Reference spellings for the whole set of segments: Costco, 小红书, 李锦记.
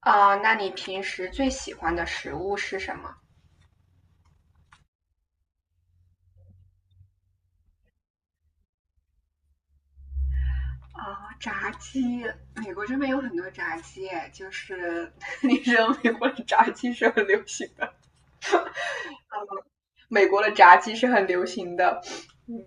啊，那你平时最喜欢的食物是什么？啊，炸鸡，美国这边有很多炸鸡，就是 你知道美国的炸鸡是很流行的。美国的炸鸡是很流行的，嗯，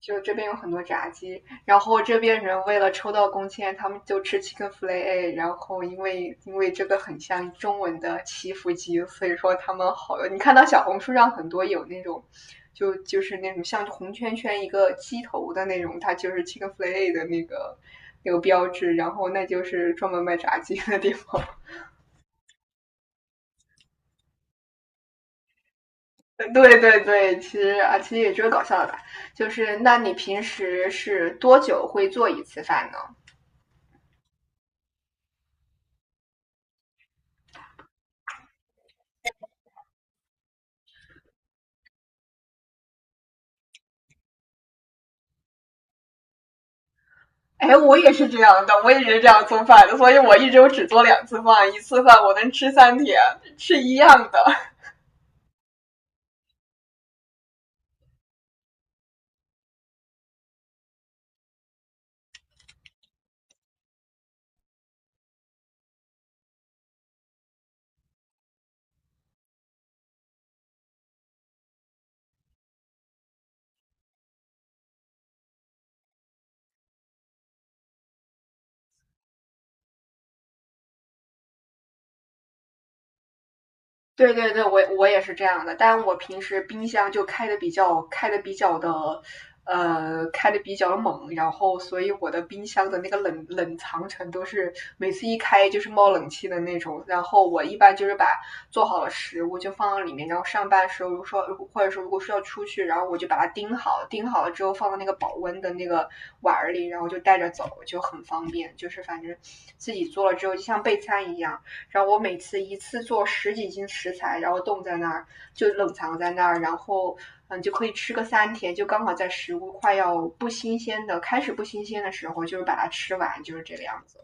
就这边有很多炸鸡，然后这边人为了抽到工签，他们就吃 chicken fillet，然后因为这个很像中文的祈福鸡，所以说他们好，你看到小红书上很多有那种，就是那种像红圈圈一个鸡头的那种，它就是 chicken fillet 的那个标志，然后那就是专门卖炸鸡的地方。对对对，其实啊，其实也就是搞笑的吧。就是那你平时是多久会做一次饭呢？哎，我也是这样的，我也是这样做饭的，所以我一周只做两次饭，一次饭我能吃三天，是一样的。对对对，我也是这样的，但我平时冰箱就开的比较开的比较的，呃，开的比较猛，然后所以我的冰箱的那个冷藏程度是每次一开就是冒冷气的那种。然后我一般就是把做好了食物就放到里面，然后上班时候如果说或者说如果说要出去，然后我就把它钉好，钉好了之后放到那个保温的那个碗儿里，然后就带着走，就很方便。就是反正自己做了之后就像备餐一样。然后我每次一次做十几斤食材，然后冻在那儿，就冷藏在那儿，然后就可以吃个三天，就刚好在食物快要不新鲜的开始不新鲜的时候，就是把它吃完，就是这个样子。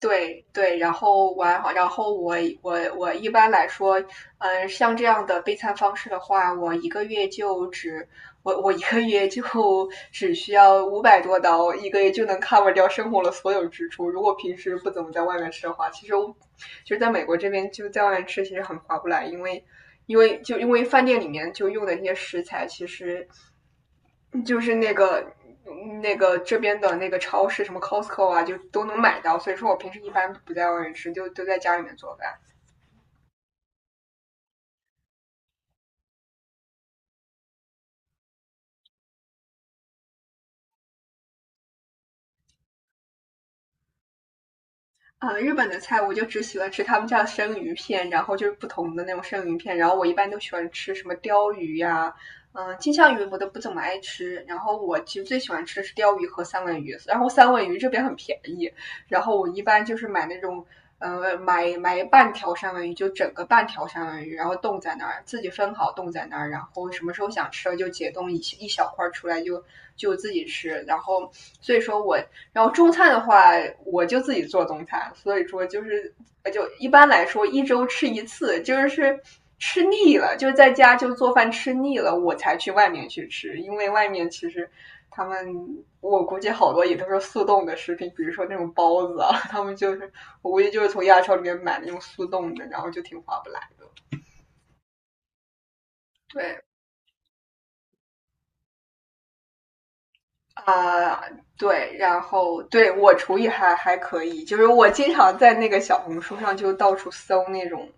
对对，然后完，然后我一般来说，像这样的备餐方式的话，我一个月就 只需要五百多刀，一个月就能 cover 掉生活的所有支出。如果平时不怎么在外面吃的话，其实我就是在美国这边就在外面吃，其实很划不来，因为饭店里面就用的那些食材，其实就是那个这边的那个超市，什么 Costco 啊，就都能买到。所以说我平时一般不在外面吃，就都在家里面做饭。啊，日本的菜我就只喜欢吃他们家的生鱼片，然后就是不同的那种生鱼片，然后我一般都喜欢吃什么鲷鱼呀、金枪鱼我都不怎么爱吃，然后我其实最喜欢吃的是鲷鱼和三文鱼，然后三文鱼这边很便宜，然后我一般就是买那种，买半条三文鱼，就整个半条三文鱼，然后冻在那儿，自己分好冻在那儿，然后什么时候想吃了就解冻一小块出来就自己吃。然后所以说我，然后中餐的话，我就自己做中餐，所以说就是一般来说一周吃一次，就是吃腻了，就是在家就做饭吃腻了，我才去外面去吃，因为外面其实。他们我估计好多也都是速冻的食品，比如说那种包子啊，他们就是我估计就是从亚超里面买那种速冻的，然后就挺划不来。对啊、呃对，然后对我厨艺还可以，就是我经常在那个小红书上就到处搜那种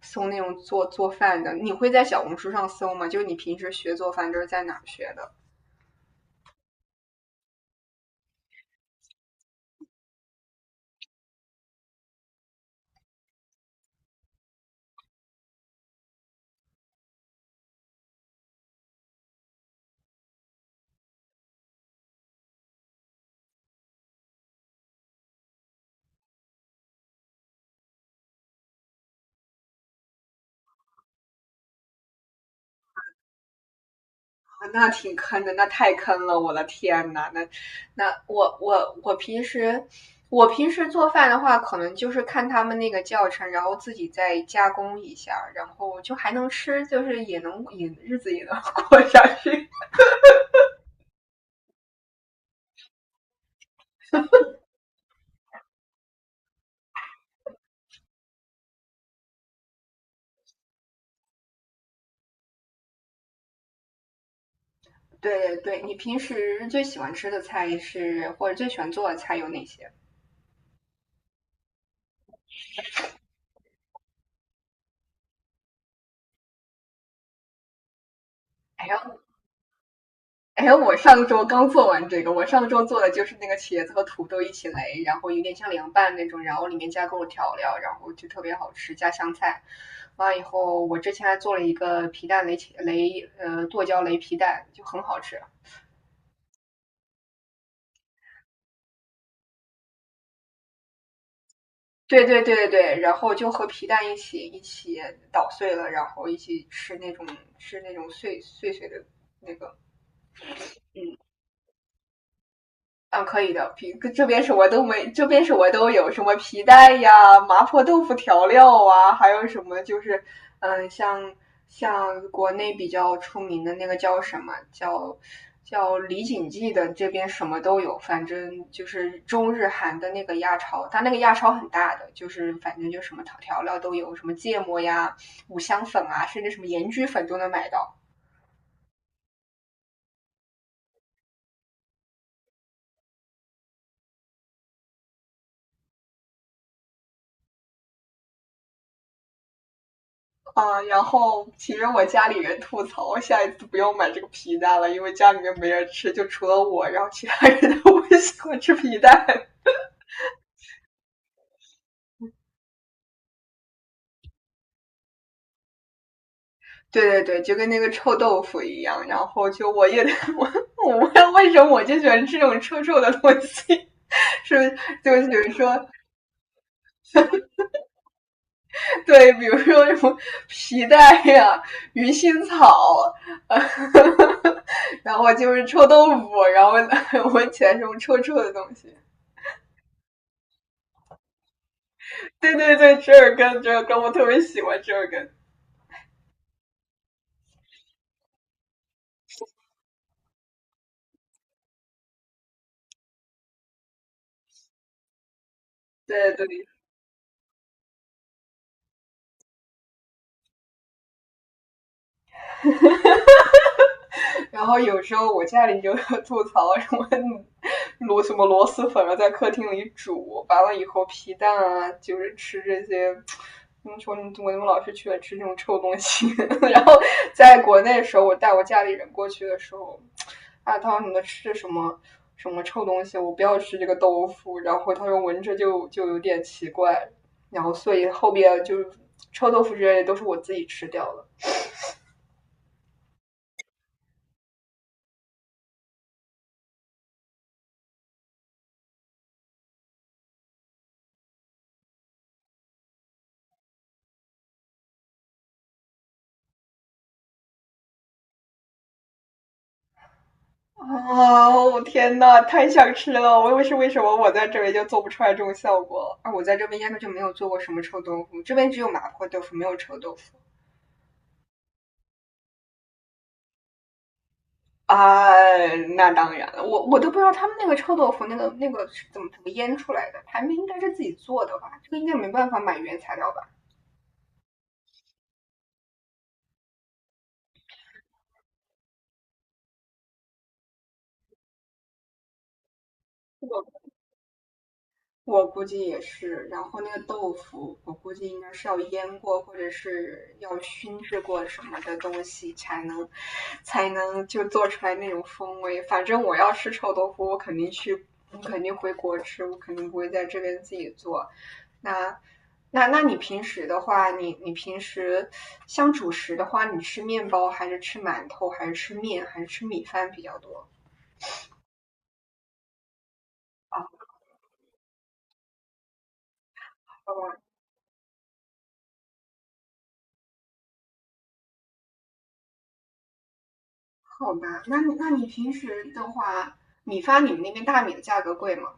做饭的。你会在小红书上搜吗？就是你平时学做饭都是在哪儿学的？那挺坑的，那太坑了，我的天呐，那我平时做饭的话，可能就是看他们那个教程，然后自己再加工一下，然后就还能吃，就是也能也日子也能过下去。对对，对，你平时最喜欢吃的菜是或者最喜欢做的菜有哪些？哎呀，哎，我上周刚做完这个，我上周做的就是那个茄子和土豆一起擂，然后有点像凉拌那种，然后里面加各种调料，然后就特别好吃，加香菜。完以后，我之前还做了一个皮蛋擂茄擂，剁椒擂皮蛋，就很好吃。对对对对对，然后就和皮蛋一起捣碎了，然后一起吃那种碎碎碎的那个，嗯，可以的。皮这边什么都没，这边什么都有什么皮带呀、麻婆豆腐调料啊，还有什么就是，嗯，像像国内比较出名的那个叫什么叫叫李锦记的，这边什么都有。反正就是中日韩的那个亚超，它那个亚超很大的，就是反正就什么调料都有，什么芥末呀、五香粉啊，甚至什么盐焗粉都能买到。啊、然后其实我家里人吐槽，我下一次不要买这个皮蛋了，因为家里面没人吃，就除了我，然后其他人都不喜欢吃皮蛋。对对对，就跟那个臭豆腐一样，然后就我也 我我为什么就喜欢吃这种臭臭的东西？是，就是比如说，对，比如说什么皮蛋呀、鱼腥草，呃、然后就是臭豆腐，然后 闻起来这种臭臭的东西。对对对，折耳根，折耳根，我特别喜欢折耳根。对对，然后有时候我家里就吐槽什么螺蛳粉啊，在客厅里煮，完了以后皮蛋啊，就是吃这些。怎么说？我怎么老是去了吃这种臭东西？然后在国内的时候，我带我家里人过去的时候，啊，他说你们吃什么臭东西？我不要吃这个豆腐。然后他说闻着就有点奇怪。然后所以后边就是臭豆腐之类的都是我自己吃掉了。哦，天呐，太想吃了！我为什么我在这边就做不出来这种效果？啊，我在这边压根就没有做过什么臭豆腐，这边只有麻婆豆腐，没有臭豆腐。啊，那当然了，我都不知道他们那个臭豆腐那个是怎么腌出来的，他们应该是自己做的吧？这个应该没办法买原材料吧？我我估计也是。然后那个豆腐，我估计应该是要腌过，或者是要熏制过什么的东西，才能就做出来那种风味。反正我要吃臭豆腐，我肯定去，我肯定回国吃，我肯定不会在这边自己做。那那你平时的话，你平时像主食的话，你吃面包还是吃馒头，还是吃面，还是吃米饭比较多？啊，好吧，那你平时的话，米发你们那边大米的价格贵吗？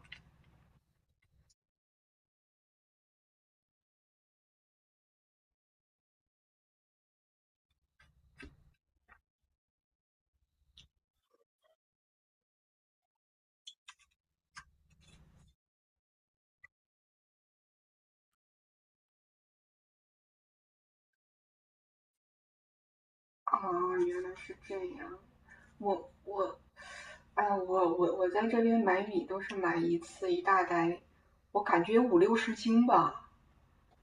哦，原来是这样。我我，哎，我在这边买米都是买一次一大袋，我感觉五六十斤吧，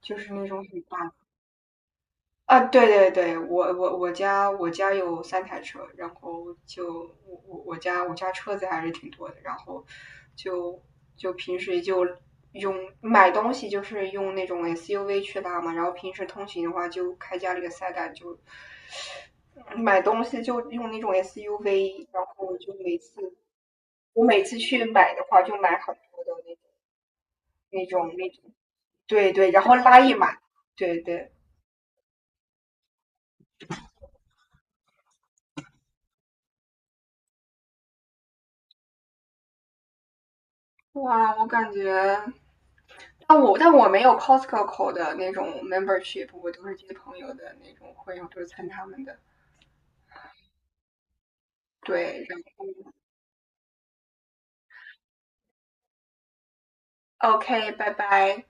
就是那种很大啊，对对对，我家有三台车，然后就我家车子还是挺多的，然后就平时就用买东西就是用那种 SUV 去拉嘛，然后平时通勤的话就开家里的塞带就买东西就用那种 SUV，然后就我每次去买的话就买很多的那种那种，对对，然后拉一买，对对，哇，我感觉。但我没有 Costco 的那种 membership，我都是接朋友的那种会，我都是参他们的。对 o k 拜拜。